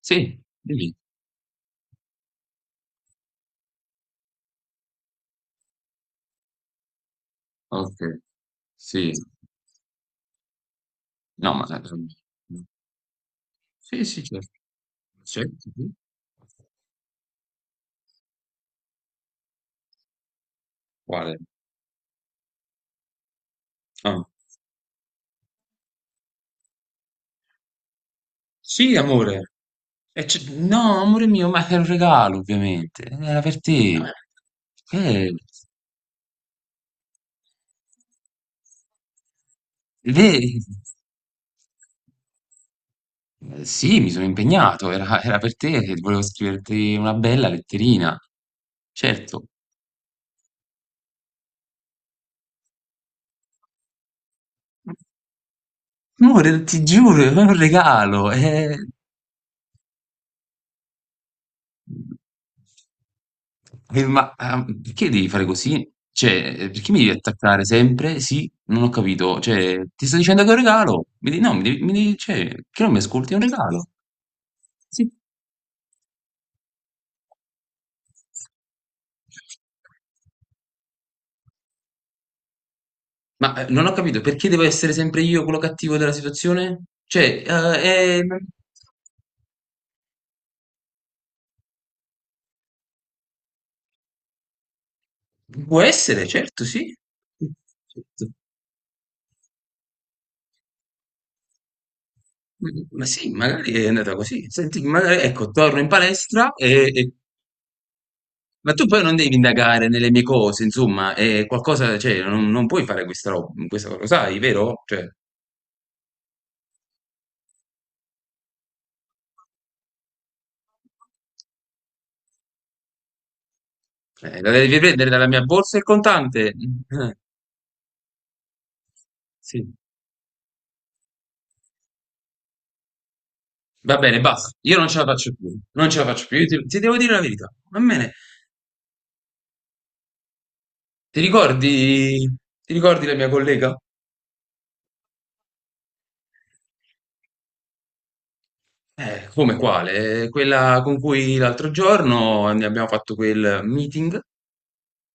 Sì, dimmi. Okay, sì. No, ma Sì, sì, certo, certo, sì. Sì. Quale? Ah. Sì, amore. E c no, amore mio, ma è un regalo ovviamente, era per te. Eh, Vedi? Sì, mi sono impegnato, era per te che volevo scriverti una bella letterina. Certo. Amore, ti giuro, è un regalo, eh. Ma, perché devi fare così? Cioè, perché mi devi attaccare sempre? Sì? Non ho capito. Cioè, ti sto dicendo che è un regalo? Mi di no, mi devi cioè, che non mi ascolti? È un regalo. Sì. Ma, non ho capito, perché devo essere sempre io quello cattivo della situazione? Cioè, può essere, certo, sì. Mh, certo. Ma sì, magari è andata così. Senti, magari ecco, torno in palestra e Ma tu poi non devi indagare nelle mie cose, insomma, è qualcosa, cioè, non puoi fare questa roba, questa cosa, lo sai, vero? Cioè, la devi prendere dalla mia borsa il contante. Eh, sì. Va bene, basta. Io non ce la faccio più, non ce la faccio più. Io ti devo dire la verità. Va bene. Ti ricordi, ti ricordi la mia collega? Come quale? Quella con cui l'altro giorno ne abbiamo fatto quel meeting,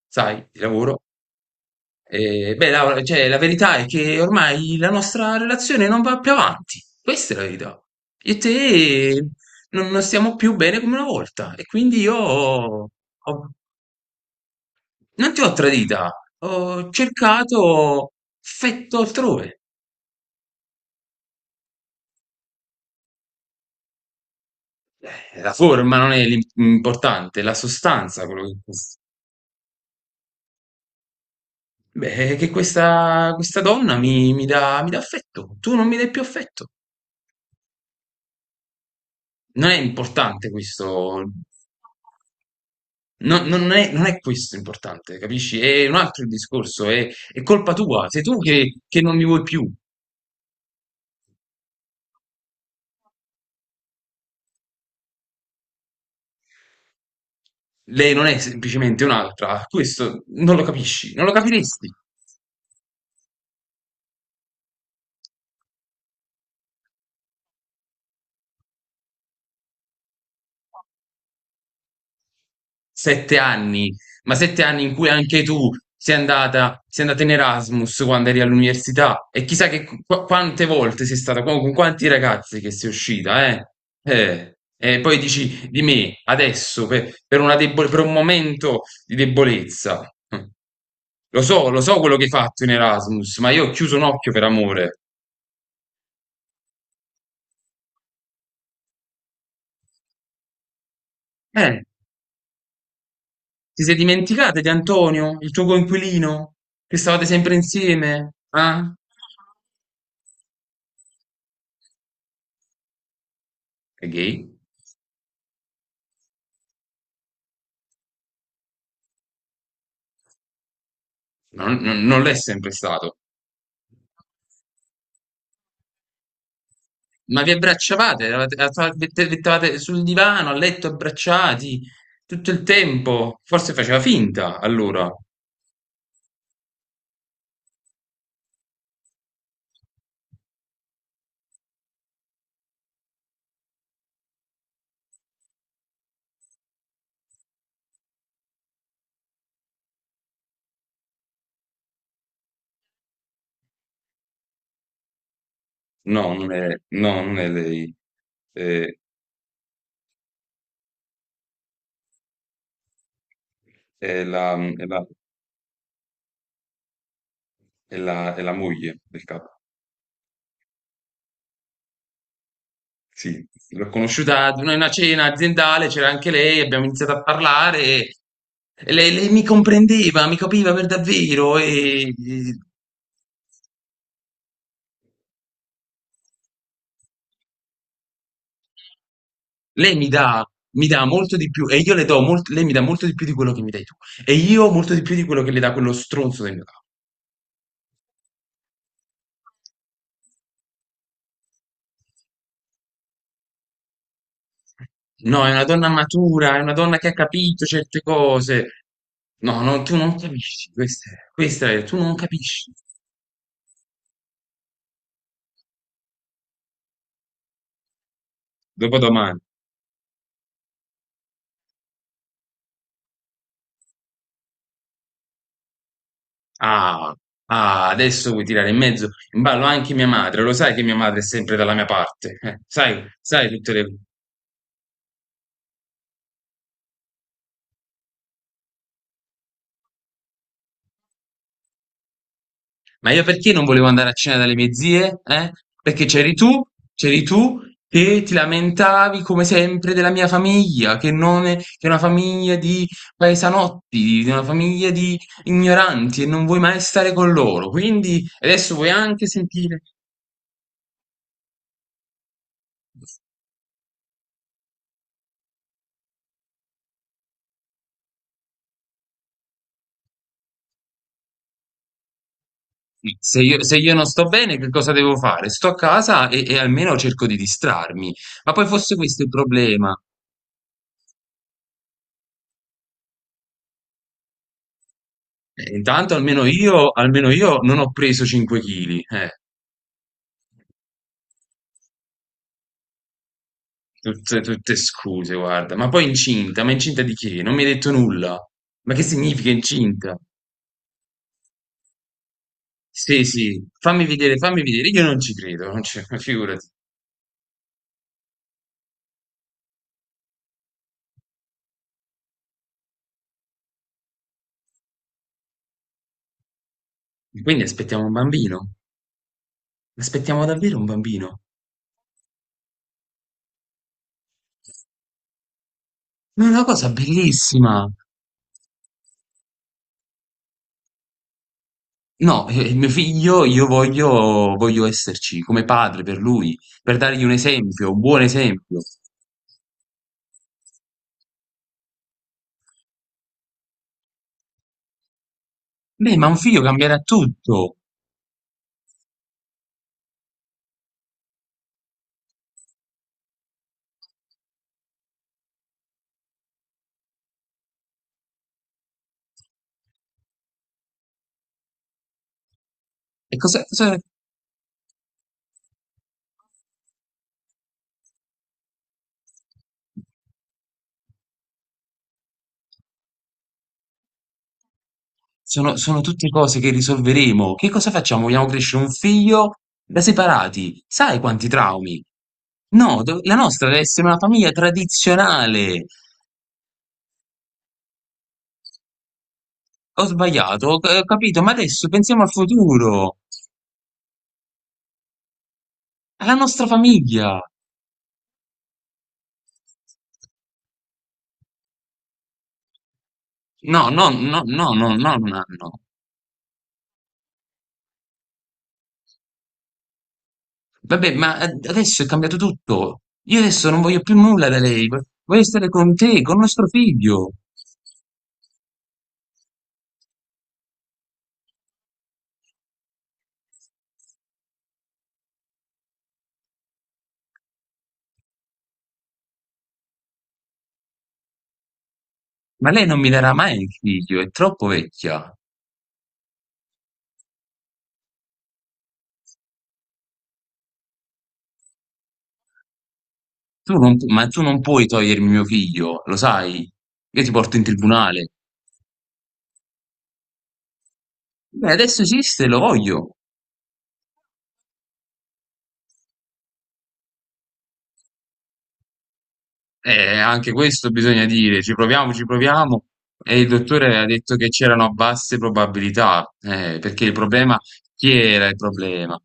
sai, di lavoro. Beh, Laura, cioè, la verità è che ormai la nostra relazione non va più avanti. Questa è la verità. Io e te non stiamo più bene come una volta. E quindi io ho- non ti ho tradita, ho cercato affetto altrove. La forma non è l'importante, è la sostanza quello che, beh, che questa donna mi dà affetto. Tu non mi dai più affetto. Non è importante questo. No, non è questo importante, capisci? È un altro il discorso, è colpa tua, sei tu che non mi vuoi più, lei non è semplicemente un'altra, questo non lo capisci, non lo capiresti. Sette anni, ma sette anni in cui anche tu sei andata in Erasmus quando eri all'università e chissà che quante volte sei stata, con quanti ragazzi che sei uscita, eh? Eh, E poi dici di me adesso per un momento di debolezza. Hm. Lo so quello che hai fatto in Erasmus, ma io ho chiuso un occhio per amore. Eh, ti sei dimenticata di Antonio, il tuo coinquilino, che stavate sempre insieme? Ah? È gay? Non l'è sempre stato. Ma vi abbracciavate, mettevate sul divano, a letto, abbracciati tutto il tempo. Forse faceva finta allora. No, non è, no, non è lei. È, è la, è la, è la, è la- capa. Sì. L'ho conosciuta ad una cena aziendale, c'era anche lei, abbiamo iniziato a parlare e lei mi comprendeva, mi capiva per davvero e Lei mi dà molto di più e io le do molto, lei mi dà molto di più di quello che mi dai tu e io molto di più di quello che le dà quello stronzo del mio capo. No, è una donna matura, è una donna che ha capito certe cose. No, no, tu non capisci, questa è, tu non capisci. Dopodomani. Ah, ah, adesso vuoi tirare in ballo anche mia madre, lo sai che mia madre è sempre dalla mia parte, sai tutte le Ma io perché non volevo andare a cena dalle mie zie? Eh? Perché c'eri tu che ti lamentavi come sempre della mia famiglia, che non è, che è una famiglia di paesanotti, di una famiglia di ignoranti e non vuoi mai stare con loro. Quindi adesso vuoi anche sentire. Sì. Se io non sto bene, che cosa devo fare? Sto a casa e almeno cerco di distrarmi. Ma poi fosse questo il problema. Intanto almeno io non ho preso 5 kg. Tutte scuse, guarda. Ma poi incinta? Ma incinta di che? Non mi hai detto nulla. Ma che significa incinta? Sì, sì, fammi vedere. Io non ci credo, non ci, figurati. Quindi aspettiamo un bambino. Aspettiamo davvero un bambino. Ma è una cosa bellissima. No, mio figlio, io voglio esserci come padre per lui, per dargli un esempio, un buon esempio. Beh, ma un figlio cambierà tutto. E cosa, sono tutte cose che risolveremo. Che cosa facciamo? Vogliamo crescere un figlio da separati? Sai quanti traumi? No, la nostra deve essere una famiglia tradizionale. Ho sbagliato, ho capito, ma adesso pensiamo al futuro, alla nostra famiglia. No, no, no, no, no, no, no, no. Vabbè, ma adesso è cambiato tutto. Io adesso non voglio più nulla da lei. Voglio stare con te, con nostro figlio. Ma lei non mi darà mai il figlio, è troppo vecchia. Tu non pu ma tu non puoi togliermi mio figlio, lo sai? Io ti porto in tribunale. Beh, adesso esiste, lo voglio. Anche questo bisogna dire, ci proviamo, ci proviamo. E il dottore ha detto che c'erano basse probabilità, perché il problema, chi era il problema?